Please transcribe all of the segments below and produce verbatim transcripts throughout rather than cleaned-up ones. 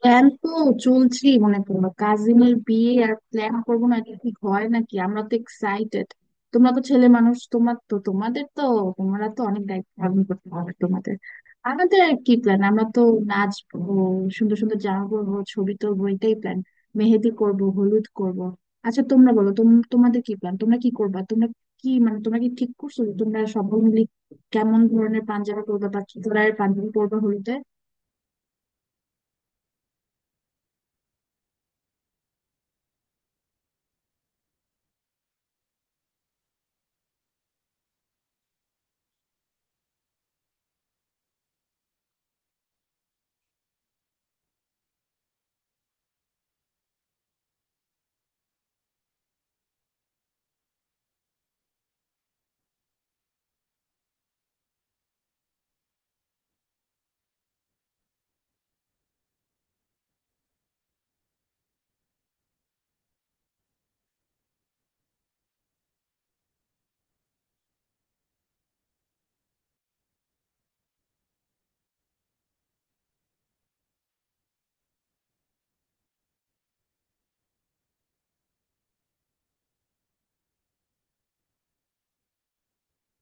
Plan তো চলছেই। মনে করো কাজিনের বিয়ে আর প্ল্যান করবো না, এটা ঠিক হয় নাকি? আমরা তো এক্সাইটেড। তোমরা তো ছেলে মানুষ, তোমার তো তোমাদের তো তোমরা তো অনেক দায়িত্ব পালন করতে হবে তোমাদের। আমাদের আর কি প্ল্যান? আমরা তো নাচবো, সুন্দর সুন্দর জামা পরবো, ছবি তুলবো, এটাই প্ল্যান। মেহেদি করব, হলুদ করব। আচ্ছা তোমরা বলো, তোম তোমাদের কি প্ল্যান? তোমরা কি করবা? তোমরা কি মানে, তোমরা কি ঠিক করছো যে তোমরা সবাই মিলে কেমন ধরনের পাঞ্জাবি পরবা বা কি কালারের পাঞ্জাবি পরবা হলুদে?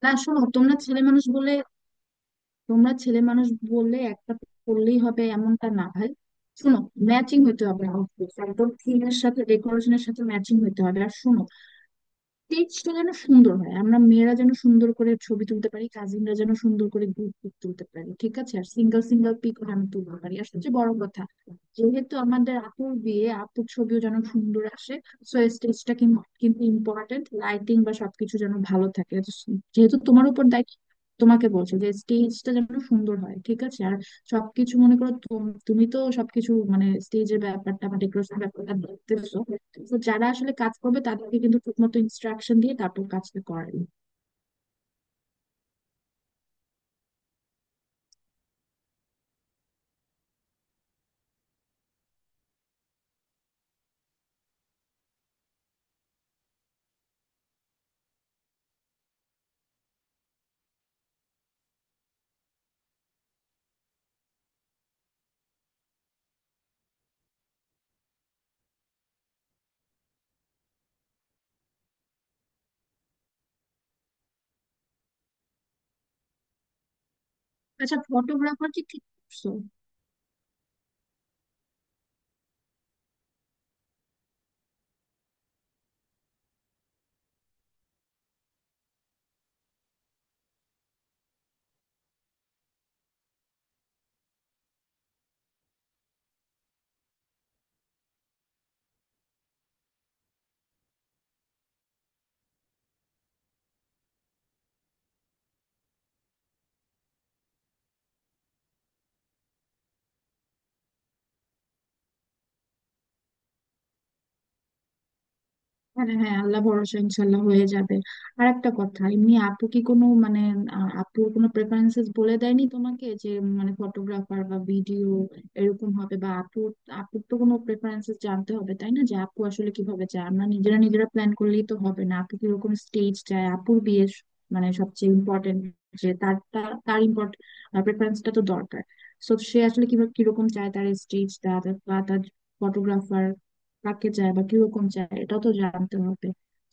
না শোনো, তোমরা ছেলে মানুষ বলে তোমরা ছেলে মানুষ বললে একটা পরলেই হবে, এমনটা না ভাই। শোনো, ম্যাচিং হতে হবে আউটফিট, একদম থিমের সাথে ডেকোরেশনের সাথে ম্যাচিং হতে হবে। আর শোনো, টেক্সটটা যেন সুন্দর হয়, আমরা মেয়েরা যেন সুন্দর করে ছবি তুলতে পারি, কাজিনরা যেন সুন্দর করে গ্রুপ পিক তুলতে পারি, ঠিক আছে? আর সিঙ্গেল সিঙ্গেল পিক আমি তুলতে পারি। আর সবচেয়ে বড় কথা, যেহেতু আমাদের আপুর বিয়ে, আপুর ছবিও যেন সুন্দর আসে। সো স্টেজটা কিন্তু কিন্তু ইম্পর্টেন্ট, লাইটিং বা সবকিছু যেন ভালো থাকে। যেহেতু তোমার উপর দায়িত্ব, তোমাকে বলছে যে স্টেজটা যেন সুন্দর হয়, ঠিক আছে? আর সবকিছু মনে করো তুম- তুমি তো সবকিছু মানে স্টেজের ব্যাপারটা বা ডেকোরেশন ব্যাপারটা দেখতেছো। তো যারা আসলে কাজ করবে তাদেরকে কিন্তু ঠিক মতো ইনস্ট্রাকশন দিয়ে তারপর কাজটা করাবে। আচ্ছা ফটোগ্রাফার কি ঠিক করছো? হ্যাঁ হ্যাঁ, আল্লাহ ভরসা, ইনশাল্লাহ হয়ে যাবে। আর একটা কথা, এমনি আপু কি কোনো মানে আহ, আপুর কোনো প্রেফারেন্সেস বলে দেয়নি তোমাকে যে উম, মানে ফটোগ্রাফার বা ভিডিও এরকম হবে বা আপু, আপুর তো কোনো প্রেফারেন্সেস জানতে হবে, তাই না? যে আপু আসলে কিভাবে চায়, আমরা নিজেরা নিজেরা প্ল্যান করলেই তো হবে না, আপু কিরকম স্টেজ চায়, আপুর বিয়ে স- মানে সবচেয়ে ইম্পর্টেন্ট, যে তার তার তার ইম্পর্টেন্ট প্রেফারেন্সটা তো দরকার। সো সে আসলে কিভাবে কিরকম চায় তার স্টেজটা বা তার ফটোগ্রাফার কাকে চায় বা কিরকম চায়, এটাও তো জানতে হবে।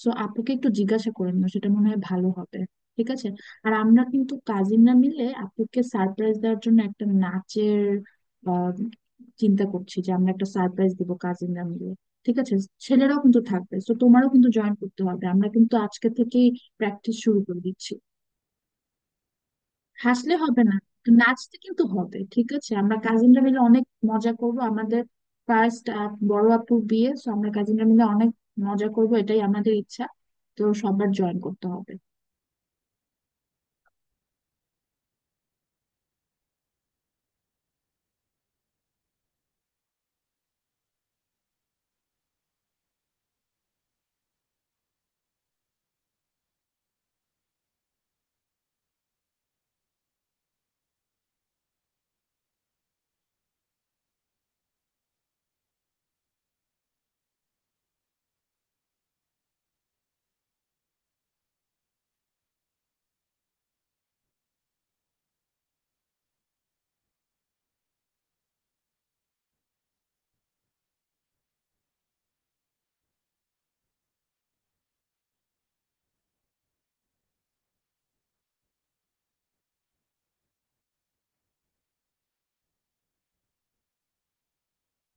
সো আপুকে একটু জিজ্ঞাসা করে নিও, সেটা মনে হয় ভালো হবে, ঠিক আছে? আর আমরা কিন্তু কাজিনরা মিলে আপুকে সারপ্রাইজ দেওয়ার জন্য একটা নাচের আহ, চিন্তা করছি, যে আমরা একটা সারপ্রাইজ দিব কাজিনরা মিলে, ঠিক আছে? ছেলেরাও কিন্তু থাকবে, তো তোমারও কিন্তু জয়েন করতে হবে। আমরা কিন্তু আজকে থেকেই প্র্যাকটিস শুরু করে দিচ্ছি। হাসলে হবে না, নাচতে কিন্তু হবে, ঠিক আছে? আমরা কাজিনরা মিলে অনেক মজা করব। আমাদের ফার্স্ট বড় আপুর বিয়ে, তো আমরা কাজিনরা মিলে অনেক মজা করব, এটাই আমাদের ইচ্ছা। তো সবার জয়েন করতে হবে।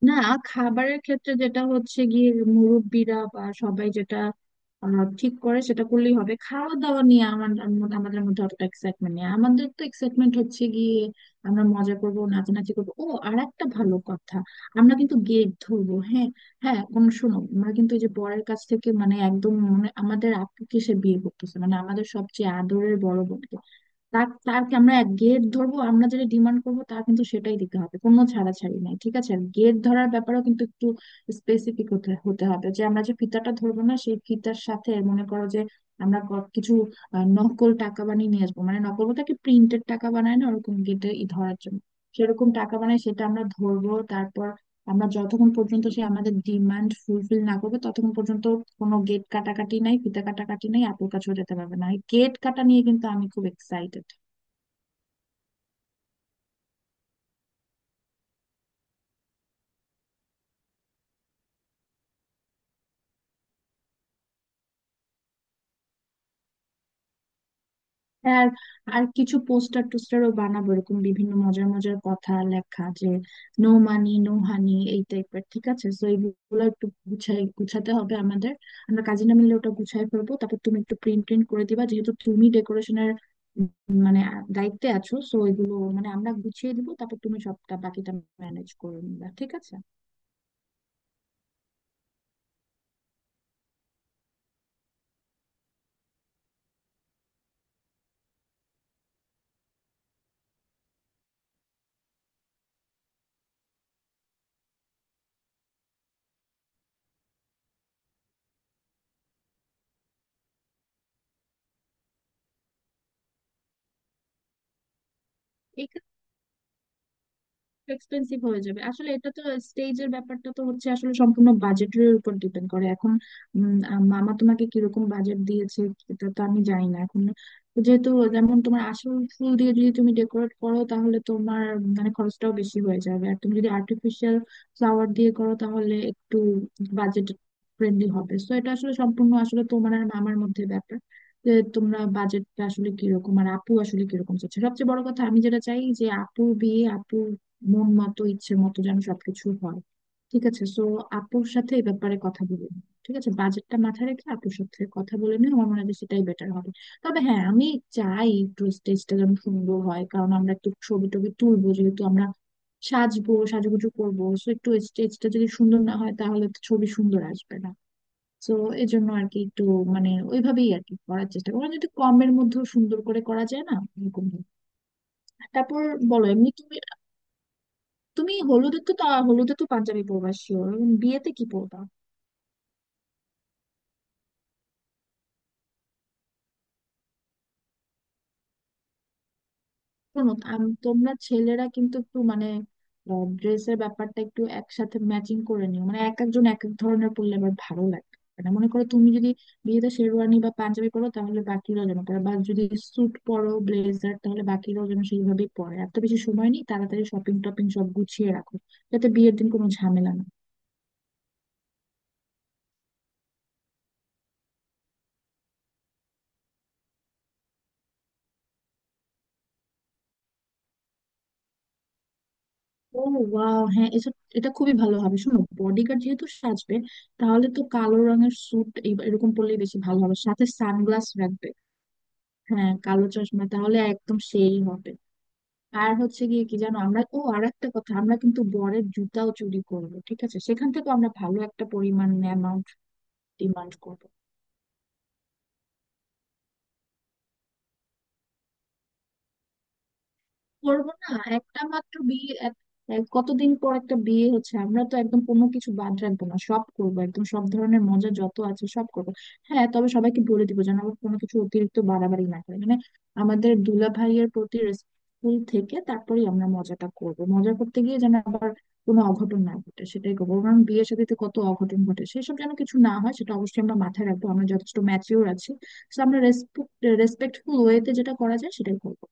না, খাবারের ক্ষেত্রে যেটা হচ্ছে গিয়ে, মুরব্বিরা বা সবাই যেটা আহ, ঠিক করে সেটা করলেই হবে। খাওয়া দাওয়া নিয়ে আমার আমার- আমাদের মধ্যে অতটা এক্সাইটমেন্ট নেই। আমাদের তো এক্সাইটমেন্ট হচ্ছে গিয়ে আমরা মজা করবো, নাচানাচি করবো। ও আর একটা ভালো কথা, আমরা কিন্তু গেট ধরবো, হ্যাঁ। হ্যাঁ, কোন শোনো, আমরা কিন্তু এই যে বরের কাছ থেকে, মানে একদম মানে আমাদের আপুকে সে বিয়ে করতেছে, মানে আমাদের সবচেয়ে আদরের বড় বোন, তার তারকে আমরা এক গেট ধরবো, আমরা যেটা ডিমান্ড করবো তার কিন্তু সেটাই দিতে হবে, কোনো ছাড়াছাড়ি নাই, ঠিক আছে? গেট ধরার ব্যাপারেও কিন্তু একটু স্পেসিফিক হতে হতে হবে, যে আমরা যে ফিতাটা ধরবো না, সেই ফিতার সাথে মনে করো যে আমরা ক- কিছু আহ, নকল টাকা বানিয়ে নিয়ে আসবো, মানে নকল বলতে কি, প্রিন্টেড টাকা বানায় না ওরকম গেটে ধরার জন্য, সেরকম টাকা বানায়, সেটা আমরা ধরবো। তারপর আমরা যতক্ষণ পর্যন্ত সে আমাদের ডিমান্ড ফুলফিল না করবে ততক্ষণ পর্যন্ত কোনো গেট কাটাকাটি নাই, ফিতা কাটাকাটি নাই, আপুর কাছেও যেতে পারবে না। গেট কাটা নিয়ে কিন্তু আমি খুব এক্সাইটেড। হ্যাঁ আর আর কিছু পোস্টার টোস্টারও বানাবো, এরকম বিভিন্ন মজার মজার কথা লেখা, যে নো মানি নো হানি এই টাইপের, ঠিক আছে? তো এইগুলো একটু গুছাই গুছাতে হবে আমাদের। আমরা কাজিনা মিলে ওটা গুছাই ফেলবো, তারপর তুমি একটু প্রিন্ট প্রিন্ট করে দিবা, যেহেতু তুমি ডেকোরেশনের মানে দায়িত্বে আছো। সো এগুলো মানে আমরা গুছিয়ে দিব, তারপর তুমি সবটা বাকিটা ম্যানেজ করে নিবা, ঠিক আছে? এক্সপেন্সিভ হয়ে যাবে আসলে এটা তো। স্টেজের ব্যাপারটা তো হচ্ছে আসলে সম্পূর্ণ বাজেটের উপর ডিপেন্ড করে। এখন উম, আ- মামা তোমাকে কিরকম বাজেট দিয়েছে এটা তো আমি জানি না এখন। যেহেতু, যেমন তোমার আসল ফুল দিয়ে যদি তুমি ডেকোরেট করো তাহলে তোমার মানে খরচটাও বেশি হয়ে যাবে। আর তুমি যদি আর্টিফিশিয়াল ফ্লাওয়ার দিয়ে করো তাহলে একটু বাজেট ফ্রেন্ডলি হবে। সো এটা আসলে সম্পূর্ণ আসলে তোমার আর মামার মধ্যে ব্যাপার, যে তোমরা বাজেটটা আসলে কিরকম আর আপু আসলে কিরকম চাচ্ছে। সবচেয়ে বড় কথা আমি যেটা চাই, যে আপু বিয়ে আপু মন মতো ইচ্ছে মতো যেন সবকিছু হয়, ঠিক আছে? সো আপুর সাথে এই ব্যাপারে কথা বলে নিও। ঠিক আছে, বাজেটটা মাথায় রেখে আপুর সাথে কথা বলে নিও, আমার মনে হয় যে সেটাই বেটার হবে। তবে হ্যাঁ, আমি চাই একটু স্টেজটা যেন সুন্দর হয়, কারণ আমরা একটু ছবি টবি তুলবো, যেহেতু আমরা সাজবো সাজুগুজু করবো। সো একটু স্টেজটা যদি সুন্দর না হয় তাহলে তো ছবি সুন্দর আসবে না। তো এই জন্য আর কি একটু মানে ওইভাবেই আর কি করার চেষ্টা করা, যদি কমের মধ্যেও সুন্দর করে করা যায় না, এরকম ভাবে। তারপর বলো এমনি। তুমি হলুদে তো তা- হলুদে তো পাঞ্জাবি পরবা শিওর, বিয়েতে কি পরবা? শোনো আম- তোমরা ছেলেরা কিন্তু একটু মানে ড্রেসের ব্যাপারটা একটু একসাথে ম্যাচিং করে নিও, মানে এক একজন এক এক ধরনের পরলে আবার ভালো লাগে। মানে মনে করো তুমি যদি বিয়েতে শেরওয়ানি বা পাঞ্জাবি পরো তাহলে বাকিরাও যেন পরে, বা যদি স্যুট পরো ব্লেজার তাহলে বাকিরাও যেন সেইভাবেই পরে। এত বেশি সময় নেই, তাড়াতাড়ি শপিং টপিং সব গুছিয়ে রাখো যাতে বিয়ের দিন কোনো ঝামেলা না হয়। ও ওয়াও, হ্যাঁ এটা এটা খুবই ভালো হবে। শোনো, বডিগার্ড যেহেতু সাজবে, তাহলে তো কালো রঙের স্যুট এরকম পরলেই বেশি ভালো হবে, সাথে সানগ্লাস রাখবে। হ্যাঁ কালো চশমা, তাহলে একদম সেই হবে। আর হচ্ছে গিয়ে কি জানো আমরা, ও আর একটা কথা, আমরা কিন্তু বরের জুতাও চুরি করবো, ঠিক আছে? সেখান থেকে আমরা ভালো একটা পরিমাণ অ্যামাউন্ট ডিমান্ড করবো। করবো না একটা মাত্র বিয়ে, এক- এক- কতদিন পর একটা বিয়ে হচ্ছে, আমরা তো একদম কোনো কিছু বাদ রাখবো না, সব করবো, একদম সব ধরনের মজা যত আছে সব করবো। হ্যাঁ, তবে সবাইকে বলে দিব যেন আবার কোনো কিছু অতিরিক্ত বাড়াবাড়ি না করে, মানে আমাদের দুলা ভাইয়ের প্রতি রেসপেক্টফুল থেকে তারপরেই আমরা মজাটা করবো। মজা করতে গিয়ে যেন আবার কোনো অঘটন না ঘটে সেটাই করবো, কারণ বিয়ের শাদীতে কত অঘটন ঘটে, সেসব যেন কিছু না হয় সেটা অবশ্যই আমরা মাথায় রাখবো, আমরা যথেষ্ট ম্যাচিওর আছি। তো আমরা রেসপেক্ট রেসপেক্টফুল ওয়েতে যেটা করা যায় সেটাই করবো।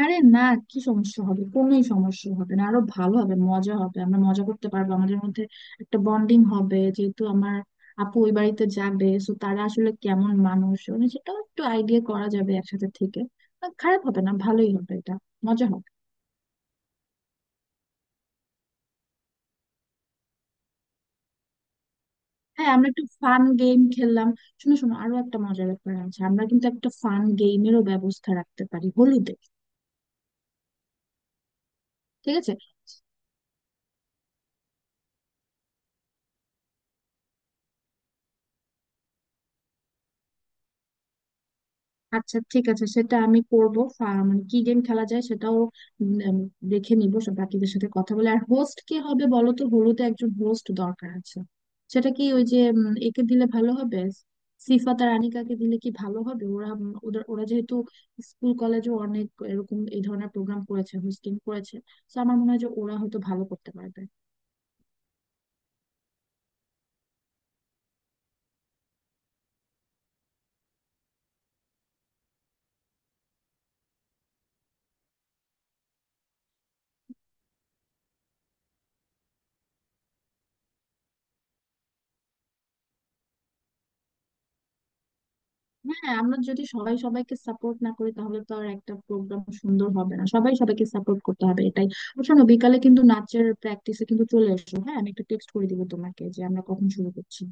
আরে না, কি সমস্যা হবে, কোনোই সমস্যা হবে না, আরো ভালো হবে, মজা হবে, আমরা মজা করতে পারবো, আমাদের মধ্যে একটা বন্ডিং হবে। যেহেতু আমার আপু ওই বাড়িতে যাবে সো তারা আসলে কেমন মানুষ মানে সেটাও একটু আইডিয়া করা যাবে একসাথে থেকে। আহ, খারাপ হবে না, ভালোই হবে এটা, মজা হবে। হ্যাঁ আমরা একটু ফান গেম খেললাম, শুনো শোনো আরো একটা মজার ব্যাপার আছে, আমরা কিন্তু একটা ফান গেমেরও ব্যবস্থা রাখতে পারি হোলিতে, ঠিক আছে? আচ্ছা ঠিক আছে, সেটা আমি করবো। ফা- মানে কি গেম খেলা যায় সেটাও উম, উম, দেখে নিবো, সব বাকিদের সাথে কথা বলে। আর হোস্ট কে হবে বলো তো, হলুদে একজন হোস্ট দরকার আছে। সেটা কি ওই যে উম, একে দিলে ভালো হবে, সিফাত আর আনিকাকে দিলে কি ভালো হবে? ওরা উম, ওদের ওরা যেহেতু স্কুল কলেজে অনেক এরকম এই ধরনের প্রোগ্রাম করেছে, হোস্টিং করেছে, তো আমার মনে হয় যে ওরা হয়তো ভালো করতে পারবে। হ্যাঁ আমরা যদি সবাই সবাইকে সাপোর্ট না করি তাহলে তো আর একটা প্রোগ্রাম সুন্দর হবে না, সবাই সবাইকে সাপোর্ট করতে হবে, এটাই। আর শোনো, বিকালে কিন্তু নাচের প্র্যাকটিসে কিন্তু চলে এসো, হ্যাঁ? আমি একটা টেক্সট করে দিব তোমাকে যে আমরা কখন শুরু করছি।